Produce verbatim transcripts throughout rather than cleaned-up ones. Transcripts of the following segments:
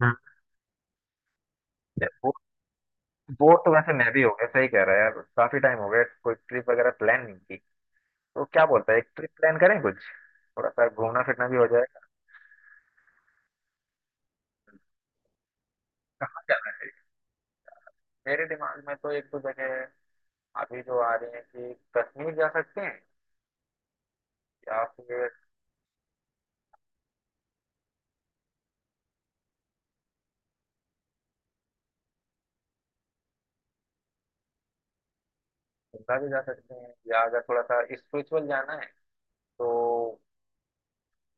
हाँ, वो वो तो वैसे मैं भी हो गया, सही कह रहा है यार। काफी टाइम हो गया कोई ट्रिप वगैरह प्लान नहीं की। तो क्या बोलता है एक ट्रिप प्लान करें कुछ, थोड़ा सा घूमना फिरना भी हो जाएगा। कहाँ जाना है? मेरे दिमाग में तो एक दो जगह है अभी जो आ रही है कि कश्मीर जा सकते हैं, या फिर शिमला भी जा सकते हैं। या अगर थोड़ा सा स्पिरिचुअल जाना है तो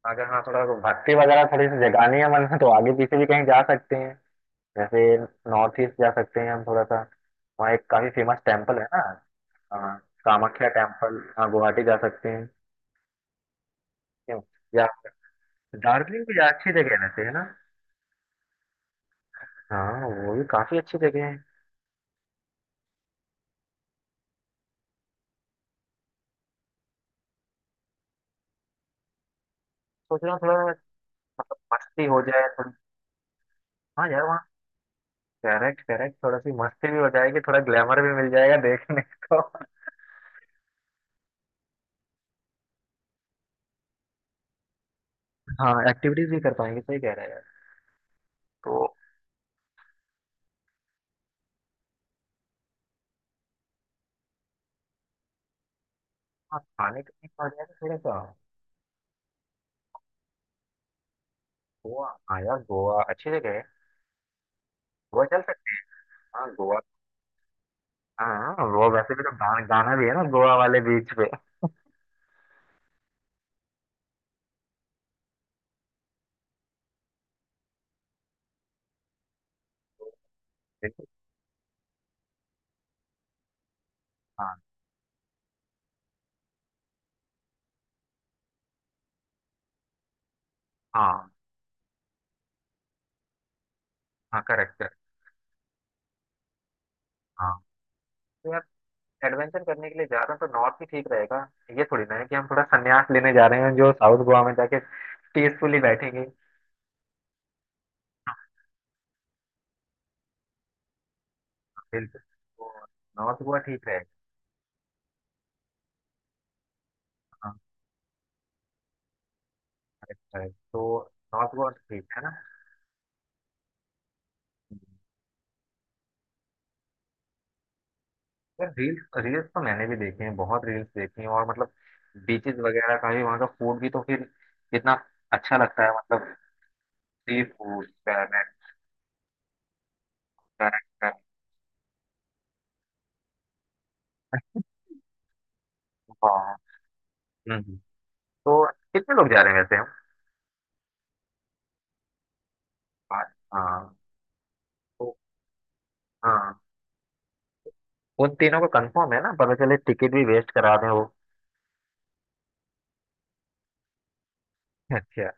अगर, हाँ, थोड़ा भक्ति वगैरह थोड़ी सी जगानी है मन में, तो आगे पीछे भी कहीं जा सकते हैं। जैसे नॉर्थ ईस्ट जा सकते हैं हम थोड़ा सा, वहाँ एक काफी फेमस टेम्पल है ना। हाँ, कामाख्या टेम्पल। हाँ, गुवाहाटी जा सकते हैं। क्यों, या दार्जिलिंग भी जा- अच्छी जगह है वैसे, है ना। हाँ, वो भी काफी अच्छी जगह है। सोच रहा हूँ थोड़ा, मतलब मस्ती हो जाए थोड़ी। हाँ यार, वहाँ करेक्ट करेक्ट, थोड़ा सी मस्ती भी हो जाएगी, थोड़ा ग्लैमर भी मिल जाएगा देखने को। हाँ, एक्टिविटीज भी कर पाएंगे, सही कह रहे हैं यार। तो हाँ, खाने पीने का हो जाएगा थोड़ा सा। गोवा, हाँ यार, गोवा अच्छी जगह है। गोवा चल सकते हैं। हाँ, गोवा। हाँ, गोवा वैसे भी तो गाना गाना भी है ना गोवा वाले बीच पे। बिल्कुल, हाँ हाँ हाँ, करेक्ट करेक्ट। तो यार, एडवेंचर करने के लिए जा रहे हैं तो नॉर्थ ही ठीक रहेगा। ये थोड़ी ना है कि हम थोड़ा संन्यास लेने जा रहे हैं जो साउथ गोवा में जाके पीसफुली बैठेंगे। बिल्कुल, तो नॉर्थ गोवा ठीक रहेगा। हाँ, correct है। तो नॉर्थ गोवा तो ठीक है ना। यार रील्स, रील्स तो मैंने भी देखे हैं, बहुत रील्स देखी हैं। और मतलब बीचेस वगैरह का भी वहाँ का फूड भी तो फिर कितना अच्छा लगता है, मतलब सी फूड। तो कितने लोग जा रहे हैं वैसे हम? पाँच, हाँ। तो हाँ, उन तीनों का कंफर्म है ना, पता चले टिकट भी वेस्ट करा दें वो। अच्छा।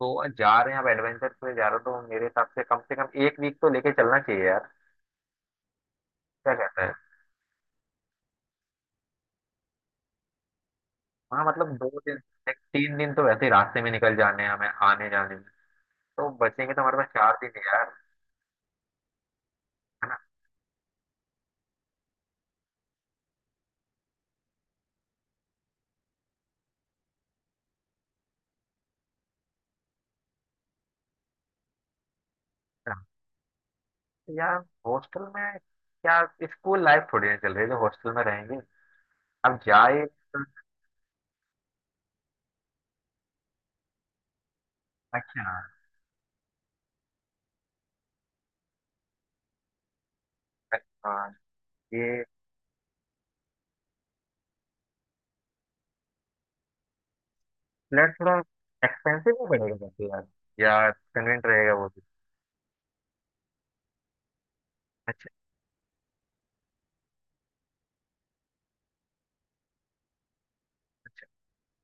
तो जा रहे हैं, अब एडवेंचर में जा रहे हो तो मेरे हिसाब से कम से कम एक वीक तो लेके चलना चाहिए यार। क्या कहता है? हाँ मतलब, दो दिन, एक तीन दिन तो वैसे ही रास्ते में निकल जाने हैं हमें आने जाने में। तो बचेंगे तो हमारे पास चार दिन है यार, है ना। तो यार, हॉस्टल में क्या, स्कूल लाइफ थोड़ी ना चल रही है जो हॉस्टल में रहेंगे। अब जाए तो- अच्छा। हाँ, ये फ्लैट थोड़ा एक्सपेंसिव भी पड़ेगा वैसे यार। या कन्वीनियंट रहेगा वो भी? अच्छा,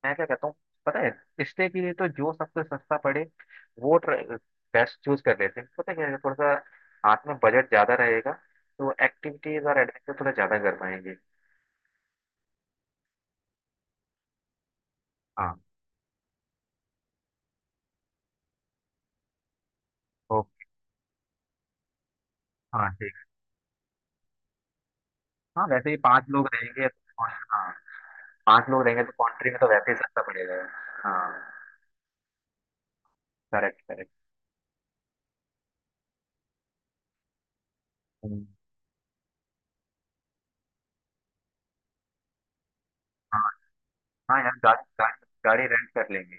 मैं क्या कहता हूँ पता है, रिश्ते के लिए तो जो सबसे सस्ता पड़े, वो बेस्ट चूज कर लेते हैं। पता है क्या है, थोड़ा सा हाथ में बजट ज्यादा रहेगा तो एक्टिविटीज और एडवेंचर थोड़ा ज्यादा कर पाएंगे। हाँ, ओके। हाँ, ठीक। हाँ वैसे ही, पांच लोग रहेंगे तो कौन- हाँ, पांच लोग रहेंगे तो कंट्री में तो वैसे ही सस्ता पड़ेगा। हाँ, करेक्ट करेक्ट। हाँ हाँ यार, गाड़ी गाड़ी गाड़ी रेंट कर लेंगे।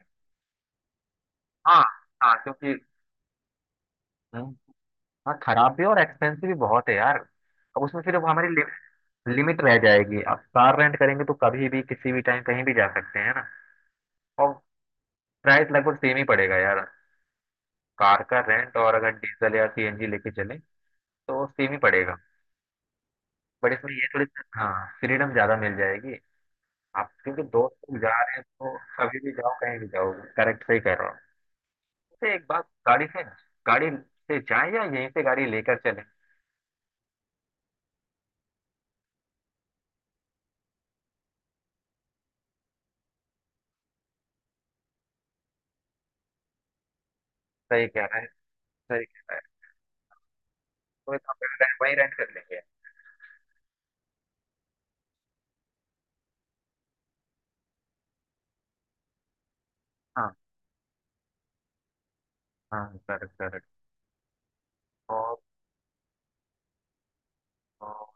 हाँ हाँ, क्योंकि हम्म, हाँ, खराब भी और एक्सपेंसिव भी बहुत है यार। अब उसमें फिर, अब हमारी लिमिट रह जाएगी। आप कार रेंट करेंगे तो कभी भी किसी भी टाइम कहीं भी जा सकते हैं ना। और प्राइस लगभग सेम ही पड़ेगा यार, कार का रेंट और अगर डीजल या सीएनजी लेके चलें तो सेम ही पड़ेगा। बट इसमें ये थोड़ी सी- हाँ, फ्रीडम ज्यादा मिल जाएगी आप क्योंकि दोस्त लोग जा रहे हैं, तो कभी भी जाओ कहीं भी जाओ। करेक्ट, सही कह रहे हो। तो एक बात, गाड़ी से गाड़ी से जाए या यहीं से गाड़ी लेकर चले? सही कह रहे हैं। सही कह रहे हैं। तो एक काम करते हैं, वहीं रेंट कर लेंगे। हाँ हाँ, करेक्ट करेक्ट। और और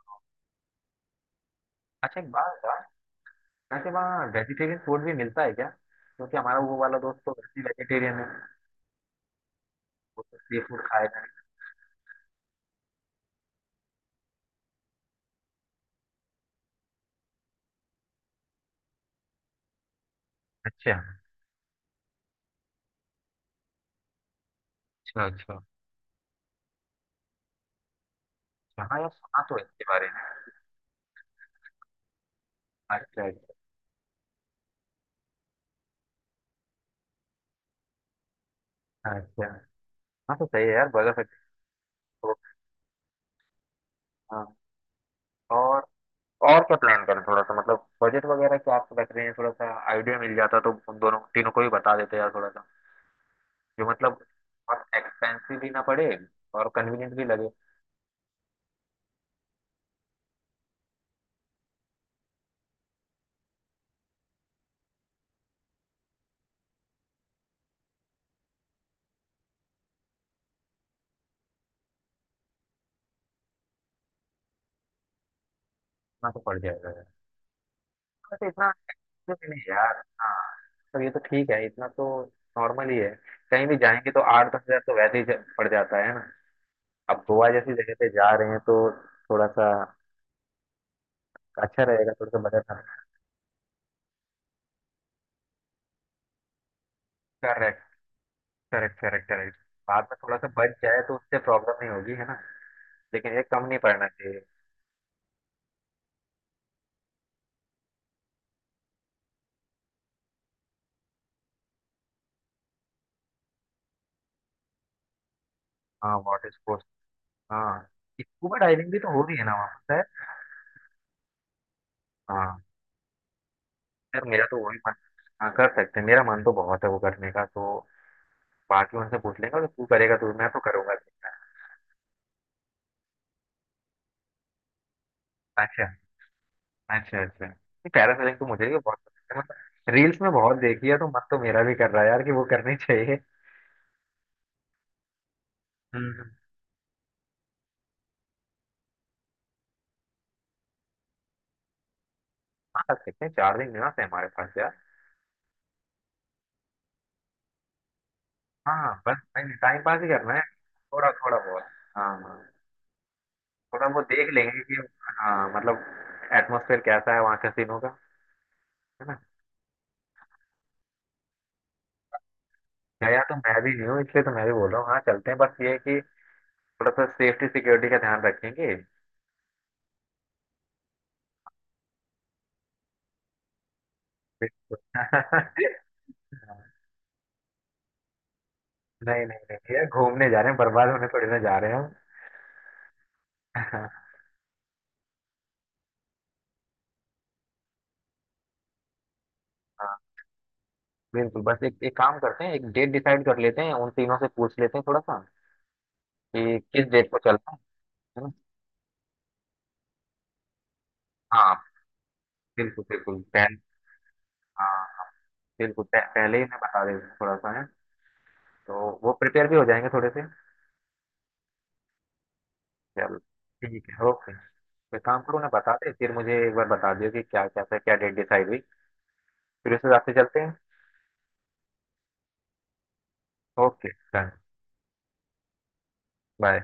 अच्छा, एक बात, वैसे वहाँ वेजिटेरियन फूड भी मिलता है क्या, क्योंकि हमारा वो वाला दोस्त तो वैसे वेजिटेरियन है। वो तो सी फूड खाएगा नहीं। अच्छा अच्छा। अच्छा अच्छा। हाँ यार, सुना तो है इसके बारे में। अच्छा अच्छा। अच्छा, हाँ तो सही है यार, बर्गर फैक्ट्री। तो हाँ। और और क्या प्लान करें, थोड़ा सा मतलब बजट वगैरह क्या आप रख रहे हैं, थोड़ा सा आइडिया मिल जाता तो उन दोनों तीनों को ही बता देते यार थोड़ा सा, जो मतलब बहुत एक्सपेंसिव भी ना पड़े और कन्वीनियंट भी लगे। इतना तो पड़ जाएगा यार, वैसे इतना। नहीं नहीं यार। हाँ, तो ये तो ठीक है, इतना तो नॉर्मल ही है। कहीं भी जाएंगे तो आठ दस हजार तो वैसे ही जा- पड़ जाता है ना। अब गोवा जैसी जगह पे जा रहे हैं तो थोड़ा सा अच्छा रहेगा थोड़ा सा budget. Correct correct, correct correct. बाद में थोड़ा सा बच जाए तो उससे प्रॉब्लम नहीं होगी, है ना। लेकिन ये कम नहीं पड़ना चाहिए। हाँ, वाटर स्पोर्ट्स। हाँ, स्कूबा डाइविंग भी तो हो रही है ना वहाँ पर शायद? हाँ यार, मेरा तो वही मन। हाँ कर सकते हैं, मेरा मन तो बहुत है वो करने का। तो बाकी उनसे पूछ लेंगे, और तू करेगा तो मैं तो करूंगा। अच्छा अच्छा। अच्छा, पैरासेलिंग तो मुझे भी बहुत पसंद है, मतलब रील्स में बहुत देखी है, तो मन तो मेरा भी कर रहा है यार कि वो करनी चाहिए। हम्म। हाँ कर सकते हैं, चार दिन निवास है हमारे पास यार। हाँ हाँ, बस भाई टाइम पास ही करना है, थोड़ा थोड़ा बहुत। हाँ हाँ, थोड़ा बहुत देख लेंगे कि हाँ मतलब एटमोसफेयर कैसा है वहाँ कैसीनो का। है ना, गया तो मैं भी नहीं हूँ, इसलिए तो मैं भी बोल रहा हूँ, हाँ चलते हैं। बस ये है कि थोड़ा सा सेफ्टी सिक्योरिटी का ध्यान रखेंगे। नहीं नहीं नहीं यार, घूमने जा रहे हैं, बर्बाद होने थोड़ी ना जा रहे हैं हम। हाँ, बिल्कुल। बस एक एक काम करते हैं, एक डेट डिसाइड कर लेते हैं, उन तीनों से पूछ लेते हैं थोड़ा सा कि किस डेट को चलना है है ना। हाँ, बिल्कुल बिल्कुल, पहले, हाँ बिल्कुल, पह, पहले ही मैं बता देता हूँ थोड़ा सा है, तो वो प्रिपेयर भी हो जाएंगे थोड़े से। चलो, ठीक है, ओके। तो एक काम करो ना, बता दे फिर मुझे एक बार बता दियो कि क्या क्या क्या डेट डिसाइड हुई, फिर उस हिसाब से चलते हैं। Okay done. बाय।